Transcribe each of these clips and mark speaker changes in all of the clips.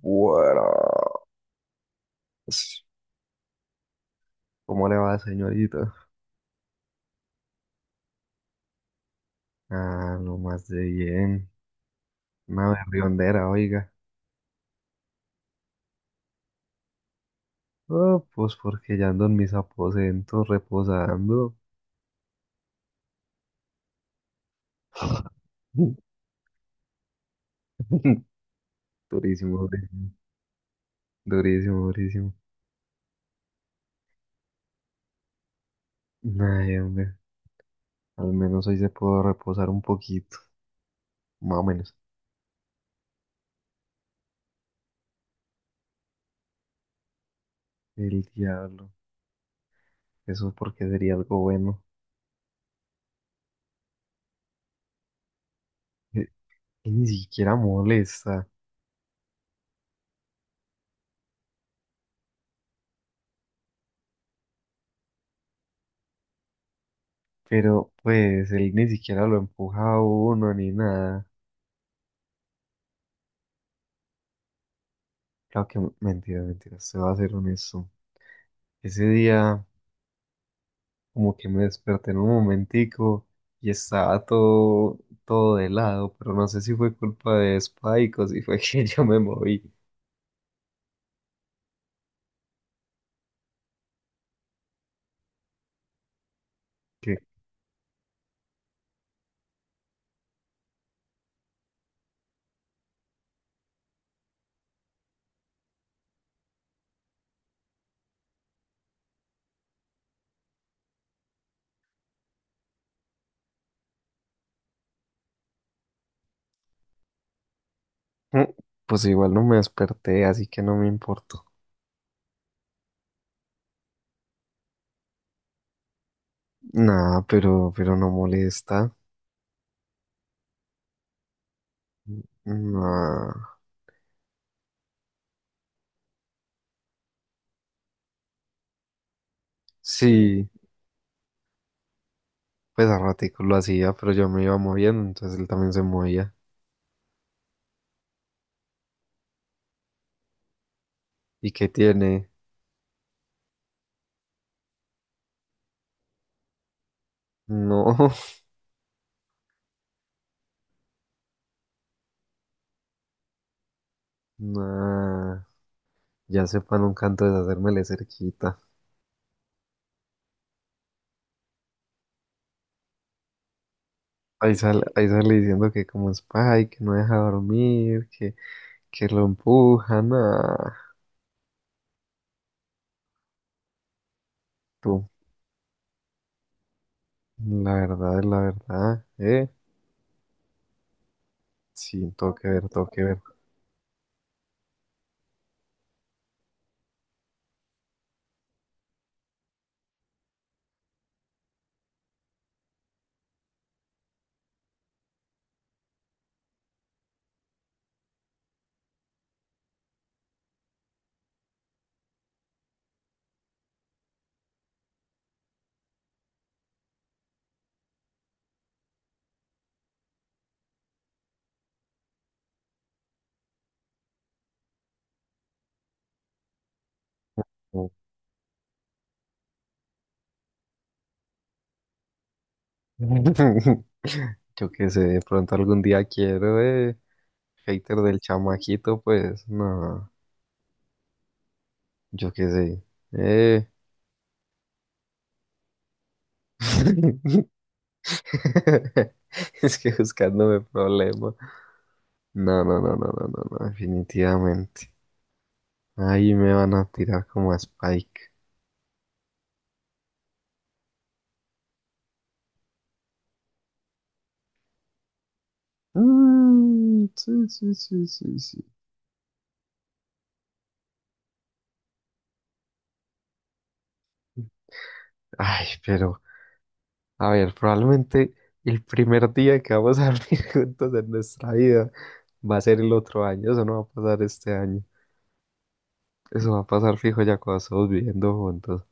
Speaker 1: Buenas. ¿Cómo le va, señorita? Ah, lo más de bien. Una berriondera, oiga. Oh, pues porque ya ando en mis aposentos reposando. Durísimo, durísimo, durísimo, durísimo. Ay, hombre, al menos hoy se pudo reposar un poquito, más o menos. El diablo, eso porque sería algo bueno. Eh, que ni siquiera molesta, pero pues él ni siquiera lo empuja a uno ni nada. Claro que mentira, mentira, se va a ser honesto. Ese día como que me desperté en un momentico y estaba todo, todo de lado, pero no sé si fue culpa de Spike o si fue que yo me moví. Que, mm, pues igual no me desperté, así que no me importó. Nah, pero no molesta. Nah. Sí, pues a ratico lo hacía, pero yo me iba moviendo, entonces él también se movía. ¿Y qué tiene? No, nah. Ya sepa nunca antes de hacérmele cerquita. Ahí sale diciendo que como es pay, que no deja dormir, que lo empujan. Ah, tú, la verdad es la verdad, ¿eh? Sí, tengo que ver, tengo que ver. Oh. Yo qué sé, de pronto algún día quiero, ¿eh? Hater del chamaquito, pues, no, yo qué sé, ¿eh? Es que buscándome problema. No, no, no, no, no, no, no, definitivamente. Ahí me van a tirar como a Spike. Mm, sí, sí, sí, sí, sí. Ay, pero, a ver, probablemente el primer día que vamos a dormir juntos en nuestra vida va a ser el otro año. Eso no va a pasar este año. Eso va a pasar fijo ya cuando estamos viviendo juntos.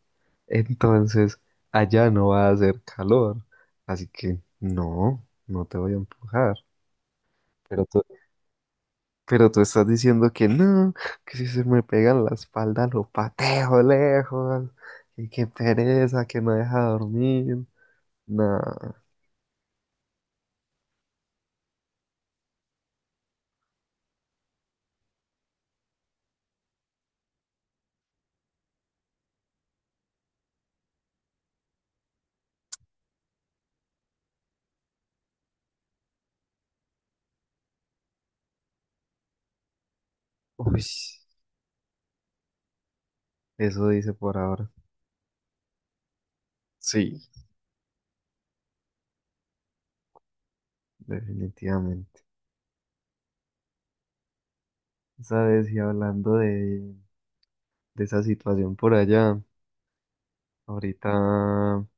Speaker 1: Entonces, allá no va a hacer calor. Así que, no, no te voy a empujar. Pero Pero tú estás diciendo que no, que si se me pega en la espalda lo pateo lejos, y que pereza, que no deja dormir. No, uy, eso dice por ahora. Sí, definitivamente. Sabes, y hablando de esa situación por allá, ahorita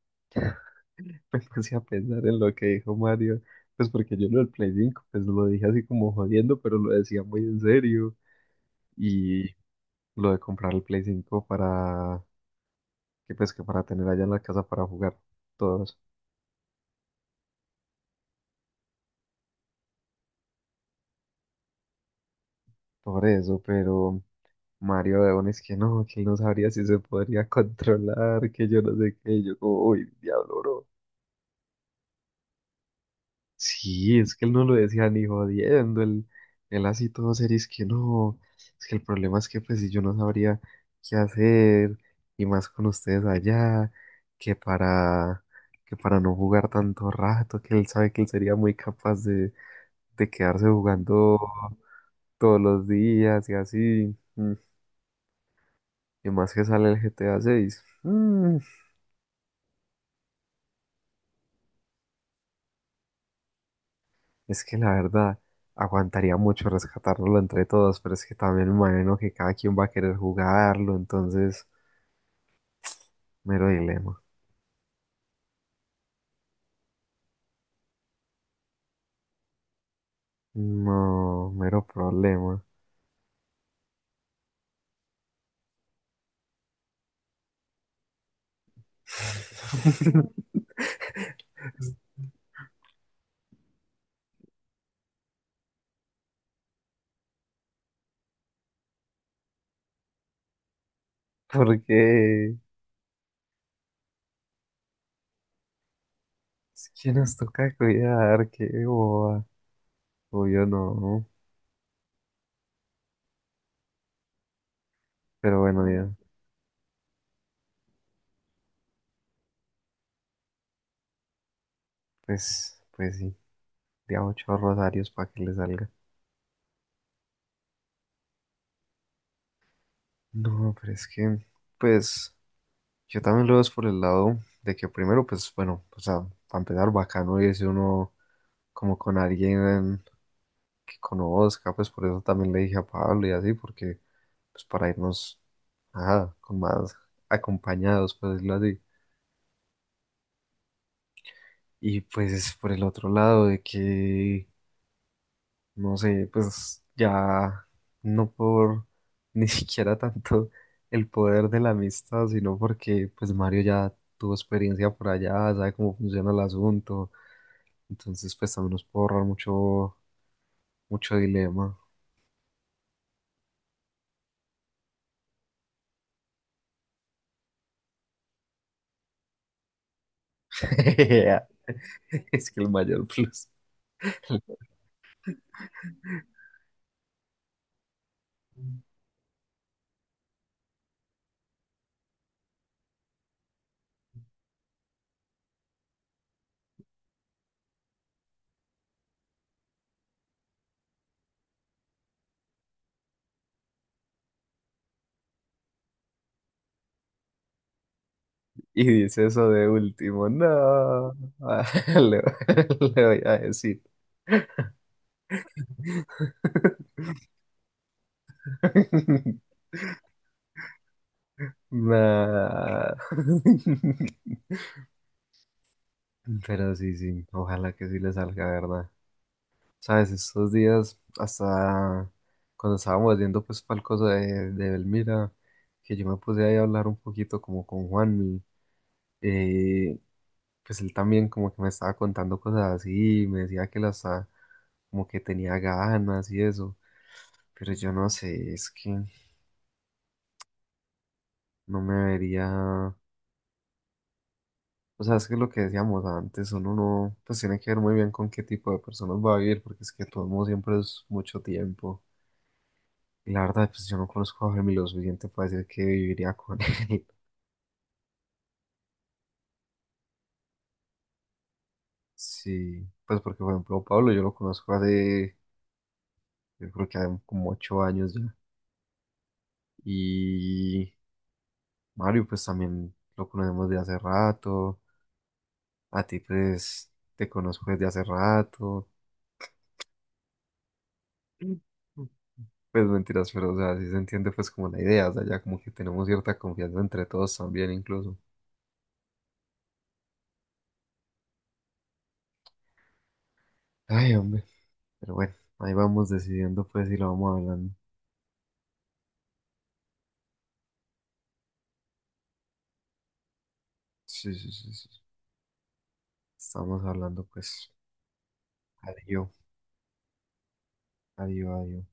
Speaker 1: me puse a pensar en lo que dijo Mario, pues porque yo lo del Play 5 pues lo dije así como jodiendo, pero lo decía muy en serio. Y lo de comprar el Play 5 para que pues que para tener allá en la casa para jugar todos por eso, pero Mario León es que no, que él no sabría si se podría controlar, que yo no sé qué, y yo como, uy, diablo, bro. Sí, es que él no lo decía ni jodiendo, él así todo serio, es que no, es que el problema es que pues si yo no sabría qué hacer, y más con ustedes allá, que para, que para no jugar tanto rato, que él sabe que él sería muy capaz de quedarse jugando todos los días y así. Y más que sale el GTA 6. Es que la verdad, aguantaría mucho rescatarlo entre todos, pero es que también me imagino que cada quien va a querer jugarlo, entonces, mero dilema. No, mero problema. Porque es que nos toca cuidar, qué boba. Obvio no, pero bueno, ya, pues sí, de a ocho rosarios para que le salga. No, pero es que, pues, yo también lo veo es por el lado de que primero, pues, bueno, o sea, para empezar bacano irse uno como con alguien que conozca, pues por eso también le dije a Pablo y así, porque, pues, para irnos, ajá, con más acompañados, por decirlo así. Y pues, por el otro lado de que no sé, pues ya no por ni siquiera tanto el poder de la amistad, sino porque pues Mario ya tuvo experiencia por allá, sabe cómo funciona el asunto, entonces pues también nos puede ahorrar mucho, mucho dilema. Es que el mayor plus. Y dice eso de último, no, ah, le, le voy a decir. Nah. Pero sí, sí, ojalá que sí le salga, ¿verdad? Sabes, estos días, hasta cuando estábamos yendo pues para el coso de Belmira, que yo me puse ahí a hablar un poquito como con Juanmi, eh, pues él también como que me estaba contando cosas así, me decía que las como que tenía ganas y eso, pero yo no sé, es que no me vería, o sea, es que lo que decíamos antes, uno no, pues tiene que ver muy bien con qué tipo de personas va a vivir, porque es que todo el mundo siempre es mucho tiempo. La verdad, pues yo no conozco a Jaime lo suficiente para decir que viviría con él. Sí, pues porque, por ejemplo, Pablo yo lo conozco hace, yo creo que hace como 8 años ya. Y Mario, pues también lo conocemos de hace rato. A ti, pues, te conozco desde hace rato. Pues mentiras, pero, o sea, sí se entiende, pues, como la idea. O sea, ya como que tenemos cierta confianza entre todos también, incluso. Ay, hombre. Pero bueno, ahí vamos decidiendo, pues, si lo vamos hablando. Sí, sí, sí, sí. Estamos hablando pues. Adiós, adiós, adiós.